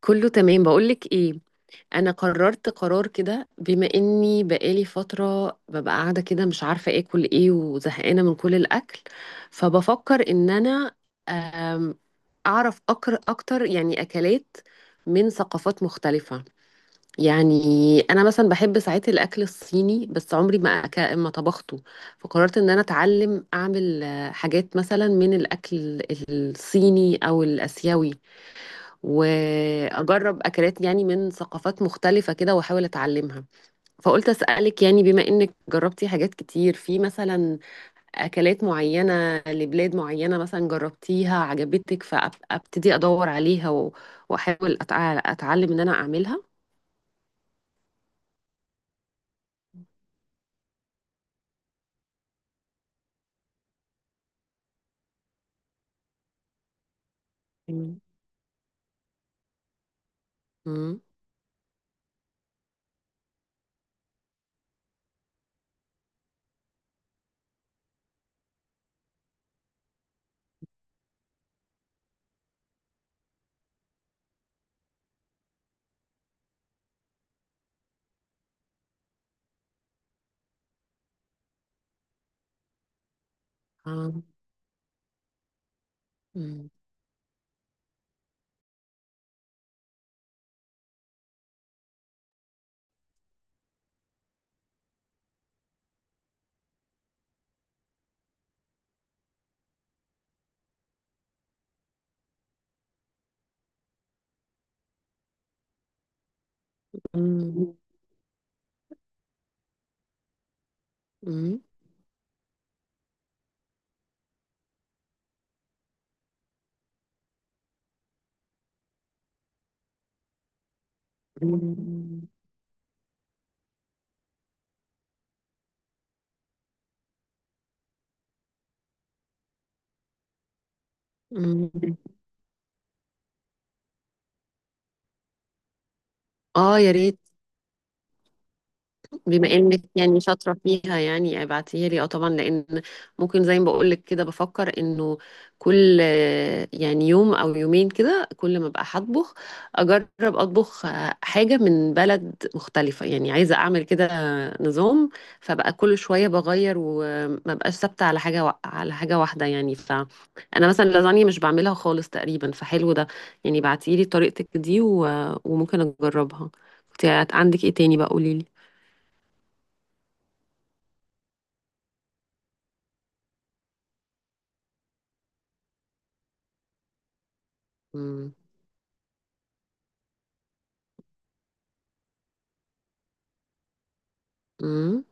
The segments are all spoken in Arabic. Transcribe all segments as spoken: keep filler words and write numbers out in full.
كله تمام، بقولك ايه. انا قررت قرار كده. بما اني بقالي فترة ببقى قاعدة كده، مش عارفة اكل ايه وزهقانة من كل الاكل، فبفكر ان انا أم، اعرف أكر اكتر، يعني اكلات من ثقافات مختلفة. يعني انا مثلا بحب ساعات الاكل الصيني، بس عمري ما أك... ما طبخته. فقررت ان انا اتعلم اعمل آه، حاجات مثلا من الاكل الصيني او الاسيوي، واجرب اكلات يعني من ثقافات مختلفه كده واحاول اتعلمها. فقلت اسالك، يعني بما انك جربتي حاجات كتير في، مثلا اكلات معينه لبلاد معينه، مثلا جربتيها عجبتك، فابتدي ادور عليها و- واحاول أتع- اتعلم ان انا اعملها. مم. مم. آه. مم. مم. مم. مم. مم. اه، يا ريت. بما انك يعني شاطره فيها، يعني ابعتيها لي. اه طبعا، لان ممكن زي ما بقول لك كده، بفكر انه كل آه، يعني يوم او يومين كده، كل ما ابقى هطبخ اجرب اطبخ آه، حاجه من بلد مختلفه. يعني عايزه اعمل كده نظام، فبقى كل شويه بغير، وما بقاش ثابته على حاجه وا- على حاجه واحده. يعني فانا مثلا اللازانيا مش بعملها خالص تقريبا، فحلو ده يعني. بعتيلي طريقتك دي و- وممكن اجربها. كنت عندك ايه تاني بقى؟ قوليلي. امم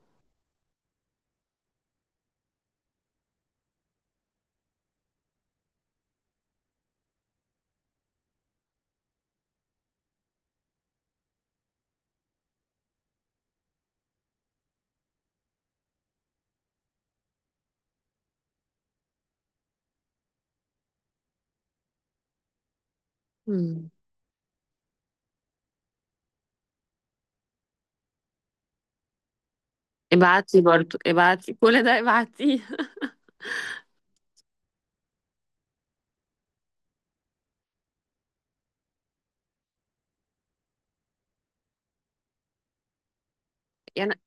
امم ابعتي برضو، ابعتي كل ده، ابعتيه. يعني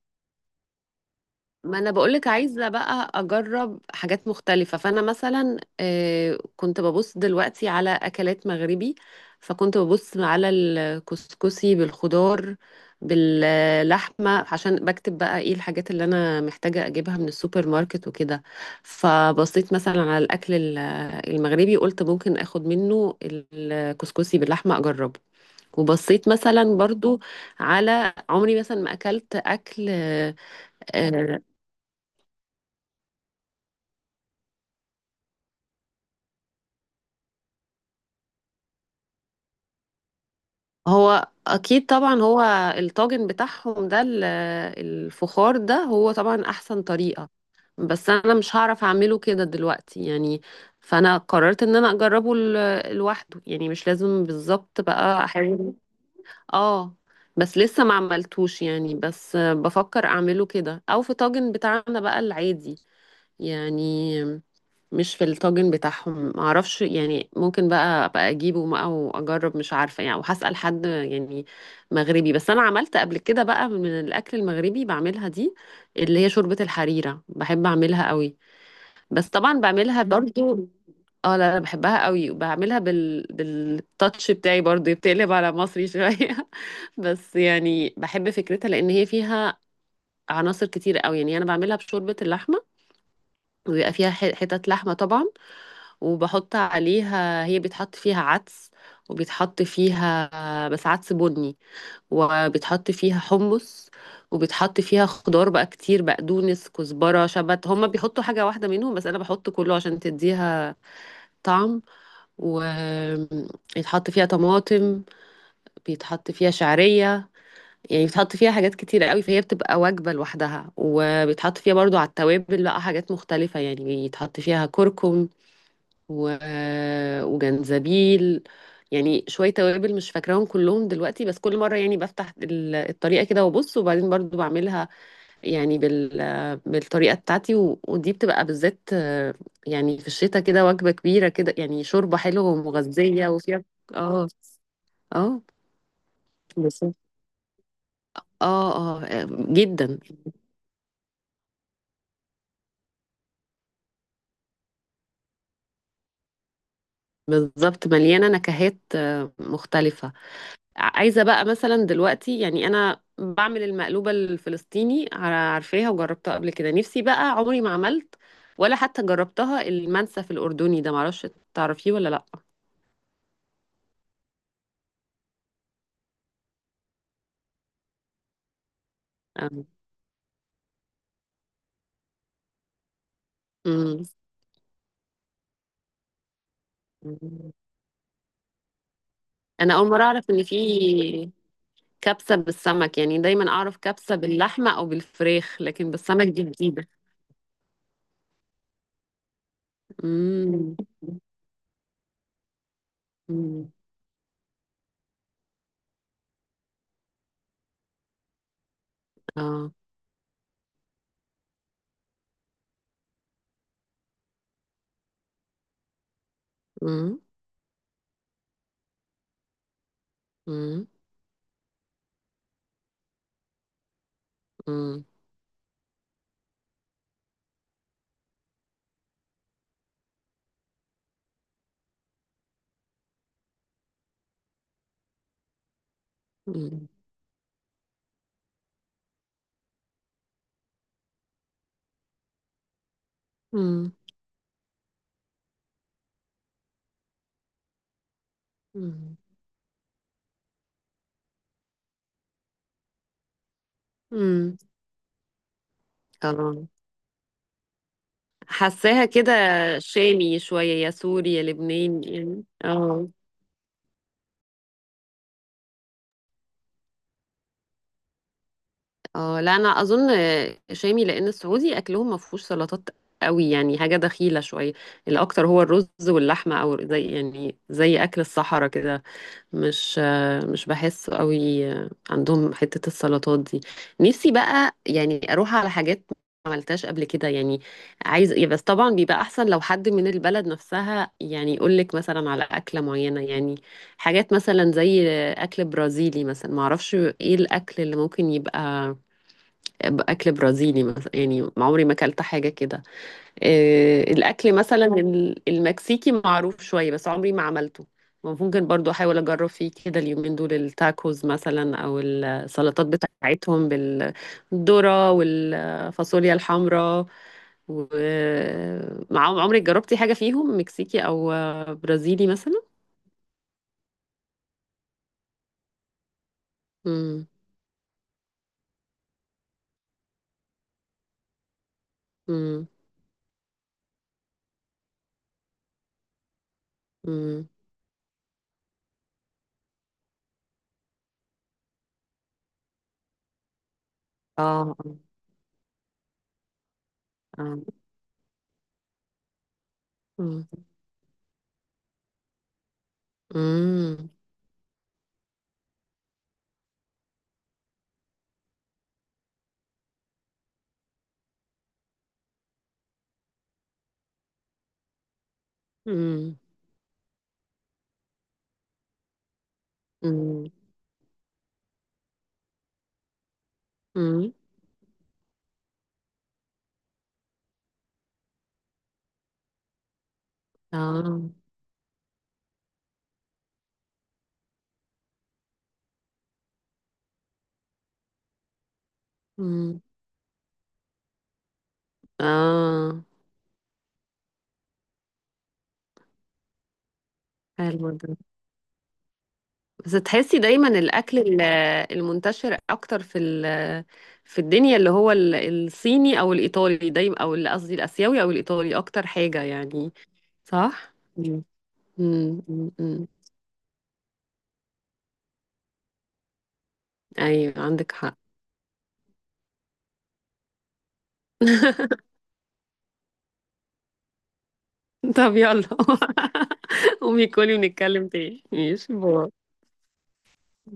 ما انا بقولك عايزه بقى اجرب حاجات مختلفه. فانا مثلا آه، كنت ببص دلوقتي على اكلات مغربي. فكنت ببص على الكسكسي بالخضار باللحمه، عشان بكتب بقى ايه الحاجات اللي انا محتاجه اجيبها من السوبر ماركت وكده. فبصيت مثلا على الاكل ال- المغربي، قلت ممكن اخد منه الكسكسي باللحمه اجربه. وبصيت مثلا برضو على عمري مثلا ما اكلت اكل آه، آه، هو اكيد طبعا. هو الطاجن بتاعهم ده ال- الفخار ده، هو طبعا احسن طريقة، بس انا مش هعرف اعمله كده دلوقتي يعني. فانا قررت ان انا اجربه ال- لوحده، يعني مش لازم بالظبط بقى، احاول. اه، بس لسه ما عملتوش يعني. بس آه، بفكر اعمله كده، او في طاجن بتاعنا بقى العادي، يعني مش في الطاجن بتاعهم، معرفش. يعني ممكن بقى ابقى اجيبه بقى واجرب، مش عارفه يعني، وهسأل حد يعني مغربي. بس انا عملت قبل كده بقى من الاكل المغربي، بعملها دي اللي هي شوربه الحريره، بحب اعملها قوي، بس طبعا بعملها برضو. اه، لا لا، بحبها قوي، وبعملها بال بالتاتش بتاعي برضو، بتقلب على مصري شويه. بس يعني بحب فكرتها، لان هي فيها عناصر كتير قوي. يعني انا بعملها بشوربه اللحمه، ويبقى فيها ح- حتت لحمه طبعا، وبحط عليها. هي بيتحط فيها عدس، وبيتحط فيها بس عدس بني، وبيتحط فيها حمص، وبيتحط فيها خضار بقى كتير: بقدونس، كزبرة، شبت. هما بيحطوا حاجة واحدة منهم، بس أنا بحط كله عشان تديها طعم. ويتحط فيها طماطم، بيتحط فيها شعرية، يعني بيتحط فيها حاجات كتيرة قوي، فهي بتبقى وجبة لوحدها. وبيتحط فيها برضو على التوابل بقى حاجات مختلفة، يعني بيتحط فيها كركم و... وجنزبيل. يعني شوية توابل مش فاكراهم كلهم دلوقتي، بس كل مرة يعني بفتح ال- الطريقة كده وابص، وبعدين برضو بعملها يعني بال... بالطريقة بتاعتي. و... ودي بتبقى بالذات آه، يعني في الشتاء كده، وجبة كبيرة كده، يعني شوربة حلوة ومغذية وفيها. اه. اه. بس اه. اه. آه، جدا، بالظبط، مليانة نكهات آه، مختلفة. عايزة بقى مثلا دلوقتي، يعني أنا بعمل المقلوبة الفلسطيني، عار- عارفاها وجربتها قبل كده. نفسي بقى، عمري ما عملت ولا حتى جربتها، المنسف الأردني ده، معرفش، تعرفيه ولا لأ؟ أم. أم. أنا أول مرة أعرف إن في كبسة بالسمك. يعني دايما أعرف كبسة باللحمة أو بالفراخ، لكن بالسمك دي جديدة. أم. أم. آه. أم. أم. أم. أم. أم. أم. آه. حاساها كده شامي شوية، يا سوري يا لبناني يعني. اه. اه، لا، انا اظن شامي، لان السعودي اكلهم ما فيهوش سلطات قوي يعني، حاجة دخيلة شوية. الاكتر هو الرز واللحمة، او زي يعني زي اكل الصحراء كده. مش مش بحس قوي عندهم حتة السلطات دي. نفسي بقى يعني اروح على حاجات ما عملتهاش قبل كده. يعني عايز يا، بس طبعا بيبقى احسن لو حد من البلد نفسها يعني يقول لك مثلا على اكلة معينة. يعني حاجات مثلا زي اكل برازيلي مثلا، ما اعرفش ايه الاكل اللي ممكن يبقى اكل برازيلي مثلا، يعني ما عمري ما اكلت حاجة كده. آه، الأكل مثلا ال- المكسيكي معروف شوية، بس عمري ما عملته. ممكن برضو أحاول أجرب فيه كده اليومين دول، التاكوز مثلا أو السلطات بتاعتهم بالذرة والفاصوليا الحمراء. ومعاهم، عمرك جربتي حاجة فيهم مكسيكي أو آه، برازيلي مثلا؟ مم. مم. مم. آه. آه. مم. مم. مم. مم. مم. آه. مم. آه. حلو ده. بس تحسي دايما الاكل ال- المنتشر اكتر في ال- في الدنيا، اللي هو ال- الصيني او الايطالي دايما، او ال- قصدي الاسيوي او الايطالي اكتر حاجة يعني. صح. مم. مم. مم. مم. ايوه، عندك حق. طب يلا. قومي كلي ونتكلم تاني. ماشي، باي.